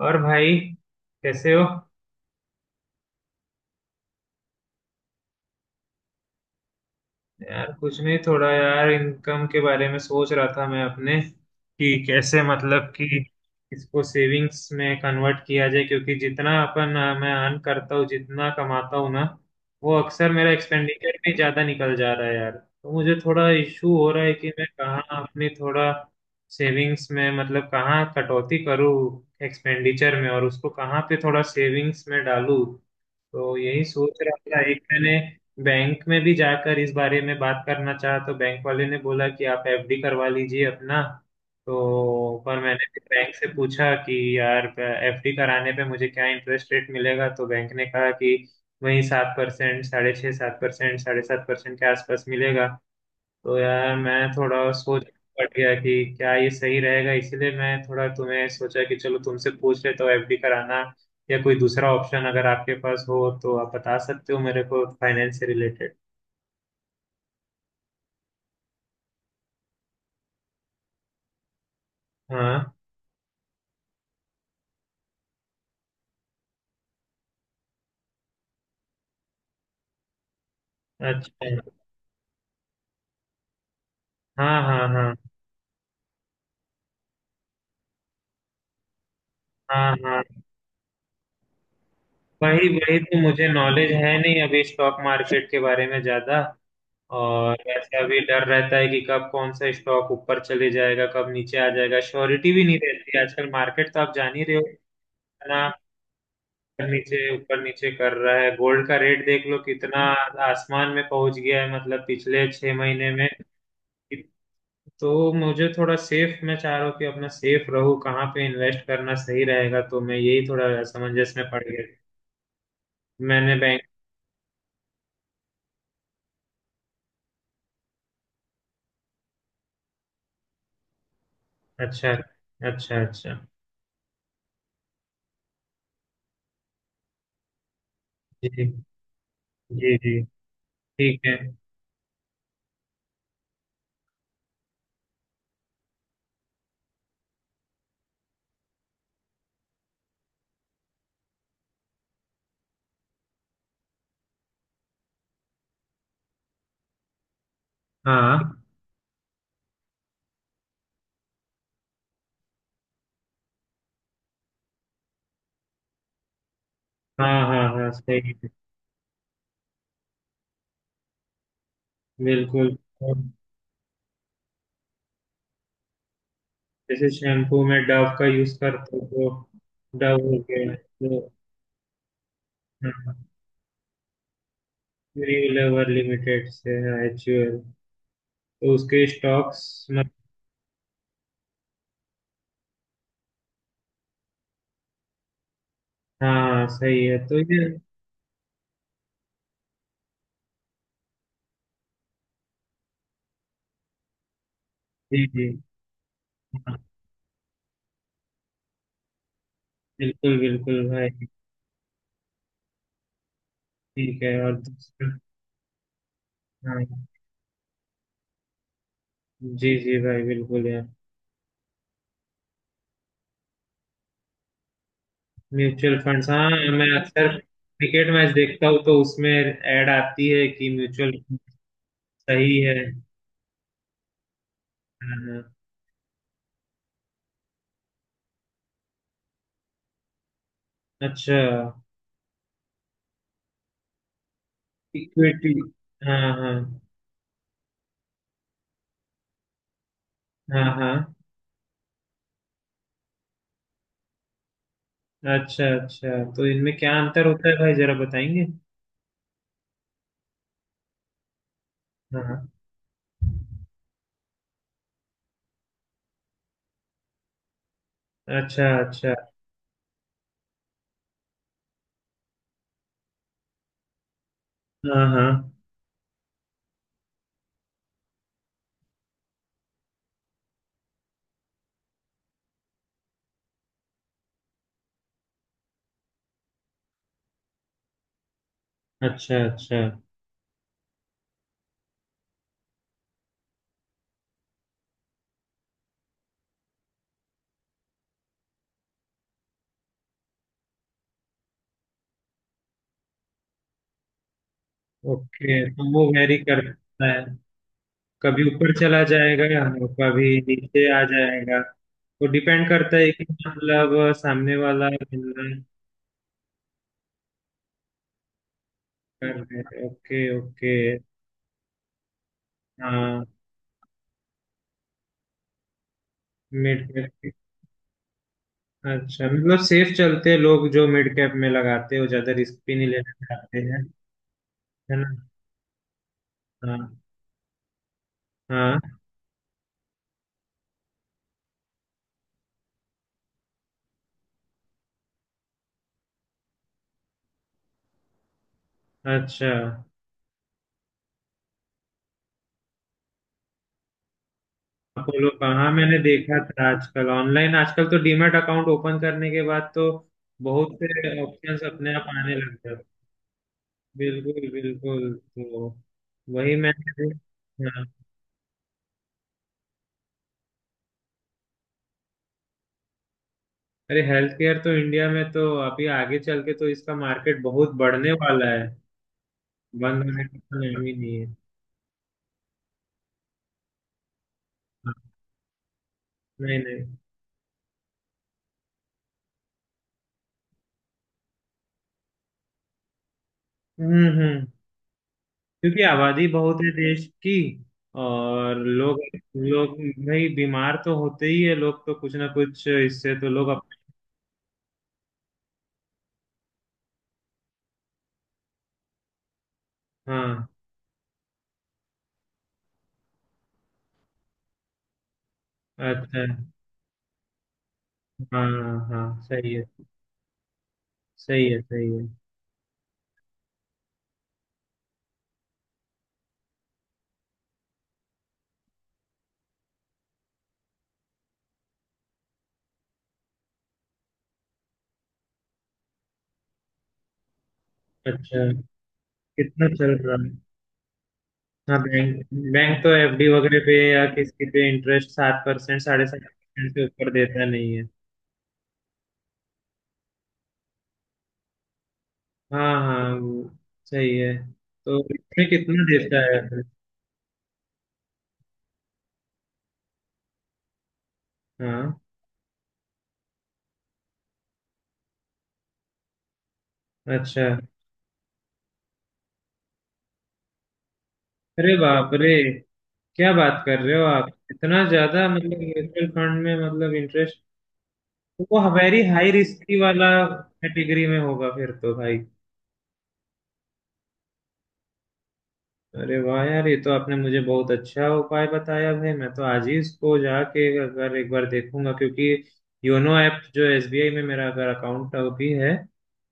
और भाई, कैसे हो? यार कुछ नहीं, थोड़ा यार इनकम के बारे में सोच रहा था मैं अपने, कि कैसे मतलब कि इसको सेविंग्स में कन्वर्ट किया जाए, क्योंकि जितना अपन मैं अर्न करता हूँ, जितना कमाता हूँ ना, वो अक्सर मेरा एक्सपेंडिचर भी ज्यादा निकल जा रहा है यार। तो मुझे थोड़ा इशू हो रहा है कि मैं कहाँ अपनी थोड़ा सेविंग्स में मतलब कहाँ कटौती करूँ एक्सपेंडिचर में और उसको कहाँ पे थोड़ा सेविंग्स में डालूँ। तो यही सोच रहा था। एक मैंने बैंक में भी जाकर इस बारे में बात करना चाहा, तो बैंक वाले ने बोला कि आप एफडी करवा लीजिए अपना। तो पर मैंने फिर बैंक से पूछा कि यार एफडी कराने पे मुझे क्या इंटरेस्ट रेट मिलेगा, तो बैंक ने कहा कि वही 7%, साढ़े छः सात परसेंट, 7.5% के आसपास मिलेगा। तो यार मैं थोड़ा सोच में पड़ गया कि क्या ये सही रहेगा, इसीलिए मैं थोड़ा तुम्हें सोचा कि चलो तुमसे पूछ लेता हूँ, एफडी कराना या कोई दूसरा ऑप्शन अगर आपके पास हो तो आप बता सकते हो मेरे को फाइनेंस से रिलेटेड। हाँ। अच्छा। हाँ हाँ हाँ हाँ हाँ। वही वही तो मुझे नॉलेज है नहीं अभी स्टॉक मार्केट के बारे में ज्यादा। और वैसे अभी डर रहता है कि कब कौन सा स्टॉक ऊपर चले जाएगा, कब नीचे आ जाएगा, श्योरिटी भी नहीं रहती आजकल मार्केट, तो आप जान ही रहे हो कितना ऊपर नीचे कर रहा है। गोल्ड का रेट देख लो, कितना आसमान में पहुंच गया है, मतलब पिछले 6 महीने में। तो मुझे थोड़ा सेफ मैं चाह रहा हूँ कि अपना सेफ रहूँ, कहाँ पे इन्वेस्ट करना सही रहेगा, तो मैं यही थोड़ा असमंजस में पड़ गया। मैंने बैंक। अच्छा अच्छा अच्छा। जी जी जी। ठीक है। हाँ हाँ हाँ हाँ। सही है। बिल्कुल। और जैसे शैम्पू में डव का यूज करते हो, तो डव हो गया। जो लेवर लिमिटेड से है, HUL। तो उसके स्टॉक्स मत। हाँ सही है। तो ये। जी जी। हाँ। बिल्कुल बिल्कुल भाई। ठीक है। और दूसरा? हाँ। जी जी भाई, बिल्कुल यार। म्यूचुअल फंड्स, हाँ। मैं अक्सर क्रिकेट मैच देखता हूँ, तो उसमें ऐड आती है कि म्यूचुअल। सही है। हाँ हाँ। अच्छा। इक्विटी। हाँ हाँ हाँ हाँ। अच्छा अच्छा। तो इनमें क्या अंतर होता है भाई, जरा बताएंगे? हाँ हाँ। अच्छा अच्छा। हाँ हाँ। अच्छा अच्छा। ओके, तो वो वेरी करता है। कभी ऊपर चला जाएगा और कभी नीचे आ जाएगा। वो डिपेंड करता है कि मतलब सामने वाला बंदा। कर रहे हैं। Okay okay. हाँ, मिड कैप। अच्छा, मतलब सेफ चलते हैं लोग, जो मिड कैप में लगाते हैं वो ज्यादा रिस्क भी नहीं लेना चाहते हैं, है ना? हाँ हाँ। अच्छा। अपोलो का, हाँ, मैंने देखा था आजकल ऑनलाइन, आजकल तो डीमैट अकाउंट ओपन करने के बाद तो बहुत से ऑप्शंस अपने आप आने लग। बिल्कुल बिल्कुल। तो वही मैं। हाँ, अरे हेल्थ केयर तो इंडिया में तो अभी आगे चल के तो इसका मार्केट बहुत बढ़ने वाला है। बंद होने का तो नाम ही नहीं है। हाँ, नहीं नहीं। हम्म। क्योंकि आबादी बहुत है देश की और लोग, लोग भाई बीमार तो होते ही है लोग, तो कुछ ना कुछ इससे तो लोग अपने। हाँ। अच्छा। हाँ हाँ सही है सही है। सही है। अच्छा। कितना चल रहा है? हाँ बैंक। बैंक तो एफडी वगैरह पे या किसी पे इंटरेस्ट 7% साढ़े सात परसेंट से ऊपर देता नहीं है। हाँ हाँ वो। सही है। तो इसमें कितना देता है एवरेज? हाँ। अच्छा। अरे बाप रे। क्या बात कर रहे हो आप, इतना ज्यादा मतलब म्यूचुअल फंड में मतलब इंटरेस्ट? वो वेरी हाई रिस्की वाला कैटेगरी में होगा फिर तो भाई। अरे वाह यार, ये तो आपने मुझे बहुत अच्छा उपाय बताया भाई, मैं तो आज ही इसको जाके अगर एक बार देखूंगा, क्योंकि योनो ऐप जो एसबीआई में मेरा अगर अकाउंट अभी है,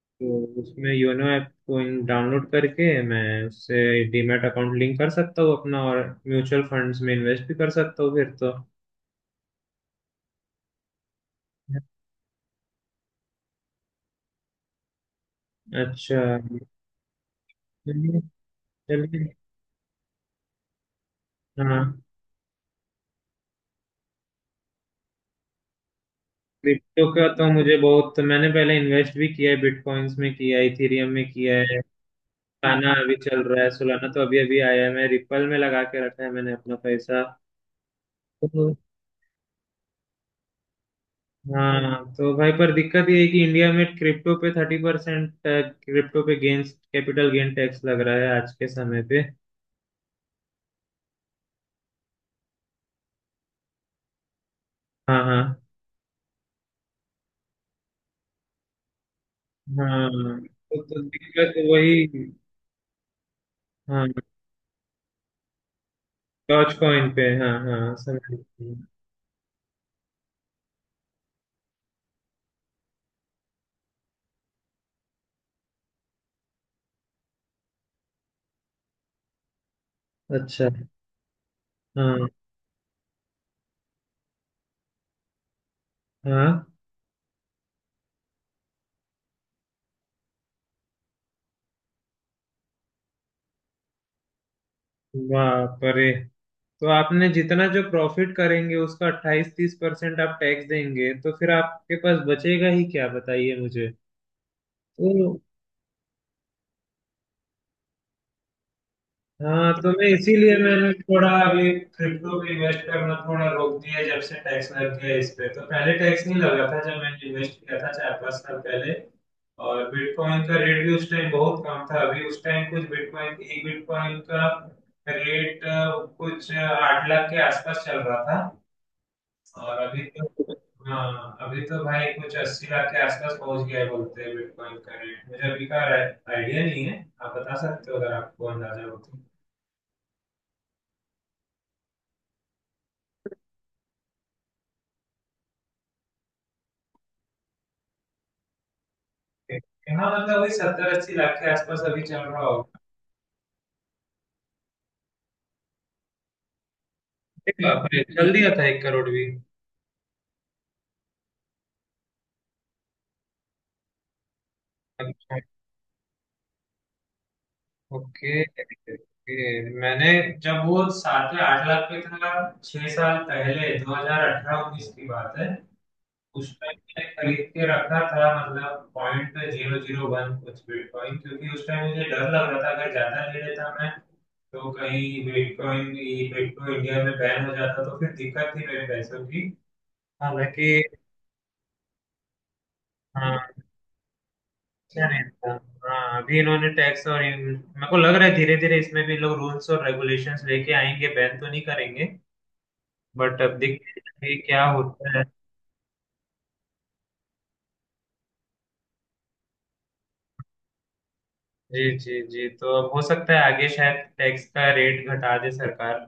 तो उसमें योनो ऐप को डाउनलोड करके मैं उससे डीमैट अकाउंट लिंक कर सकता हूँ अपना, और म्यूचुअल फंड्स में इन्वेस्ट भी कर सकता हूँ फिर तो। अच्छा। चलिए चलिए। हाँ। क्रिप्टो का तो मुझे बहुत, मैंने पहले इन्वेस्ट भी किया है, बिटकॉइंस में किया है, इथेरियम में किया है। गाना अभी चल रहा है सुलाना, तो अभी अभी आया है, मैं रिपल में लगा के रखा है मैंने अपना पैसा। हम्म। हाँ तो भाई, पर दिक्कत ये है कि इंडिया में क्रिप्टो पे 30% क्रिप्टो पे गेन्स कैपिटल गेन टैक्स लग रहा है आज के समय पे। हाँ हाँ हाँ। तो दिक्कत तो वही। हाँ, डॉज कॉइन पे, हाँ हाँ समझ गया। अच्छा। हाँ हाँ। वाह परे। तो आपने जितना जो प्रॉफिट करेंगे उसका अट्ठाईस तीस परसेंट आप टैक्स देंगे, तो फिर आपके पास बचेगा ही क्या, बताइए मुझे। तो हाँ, तो मैं इसीलिए मैंने थोड़ा अभी क्रिप्टो पे इन्वेस्ट करना थोड़ा रोक दिया जब से टैक्स लग गया इस पे, तो पहले टैक्स नहीं लगा था जब मैंने इन्वेस्ट किया था 4-5 साल पहले। और बिटकॉइन का रेट भी उस टाइम बहुत कम था, अभी उस टाइम कुछ बिटकॉइन, एक बिटकॉइन का रेट कुछ 8 लाख के आसपास चल रहा था। और अभी तो। हाँ, अभी तो भाई कुछ 80 लाख के आसपास पहुंच गया है बोलते हैं बिटकॉइन का रेट, मुझे अभी का आइडिया नहीं है, आप बता सकते हो अगर आपको अंदाजा हो तो। हाँ मतलब वही 70-80 लाख के आसपास अभी चल रहा होगा। अरे बाप रे, जल्दी दिया था 1 करोड़ भी? अच्छा। Okay okay. मैंने जब वो सात या 8 लाख पे था, 6 साल पहले, 2018-19 की बात है, उसमें मैंने खरीद के रखा था, मतलब 0.001 कुछ बिटकॉइन, क्योंकि उस टाइम मुझे डर लग रहा था अगर ज्यादा ले लेता मैं, तो कहीं बिटकॉइन ये क्रिप्टो इंडिया में बैन हो जाता तो फिर दिक्कत थी मेरे पैसों की, हालांकि। हाँ, अच्छा नहीं था। हाँ, अभी इन्होंने टैक्स और इन, मेरे को लग रहा है धीरे धीरे इसमें भी लोग रूल्स और रेगुलेशंस लेके आएंगे, बैन तो नहीं करेंगे, बट अब देखते हैं कि क्या होता है। जी जी जी। तो अब हो सकता है आगे शायद टैक्स का रेट घटा दे सरकार।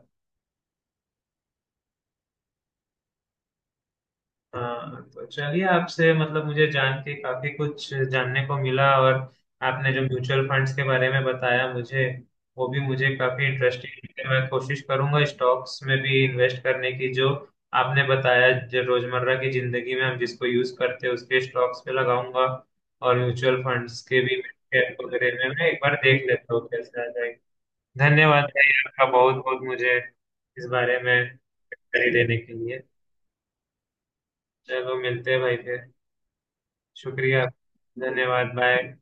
हाँ, तो चलिए, आपसे मतलब मुझे जान के काफी कुछ जानने को मिला, और आपने जो म्यूचुअल फंड्स के बारे में बताया मुझे, वो भी मुझे काफी इंटरेस्टिंग, मैं कोशिश करूंगा स्टॉक्स में भी इन्वेस्ट करने की, जो आपने बताया जो रोजमर्रा की जिंदगी में हम जिसको यूज करते हैं उसके स्टॉक्स पे लगाऊंगा, और म्यूचुअल फंड्स के भी शेयर वगैरह में मैं एक बार देख लेता हूँ कैसे आ जाएगा। धन्यवाद भाई, आपका बहुत बहुत, मुझे इस बारे में जानकारी देने के लिए। चलो मिलते हैं भाई फिर। शुक्रिया, धन्यवाद, बाय।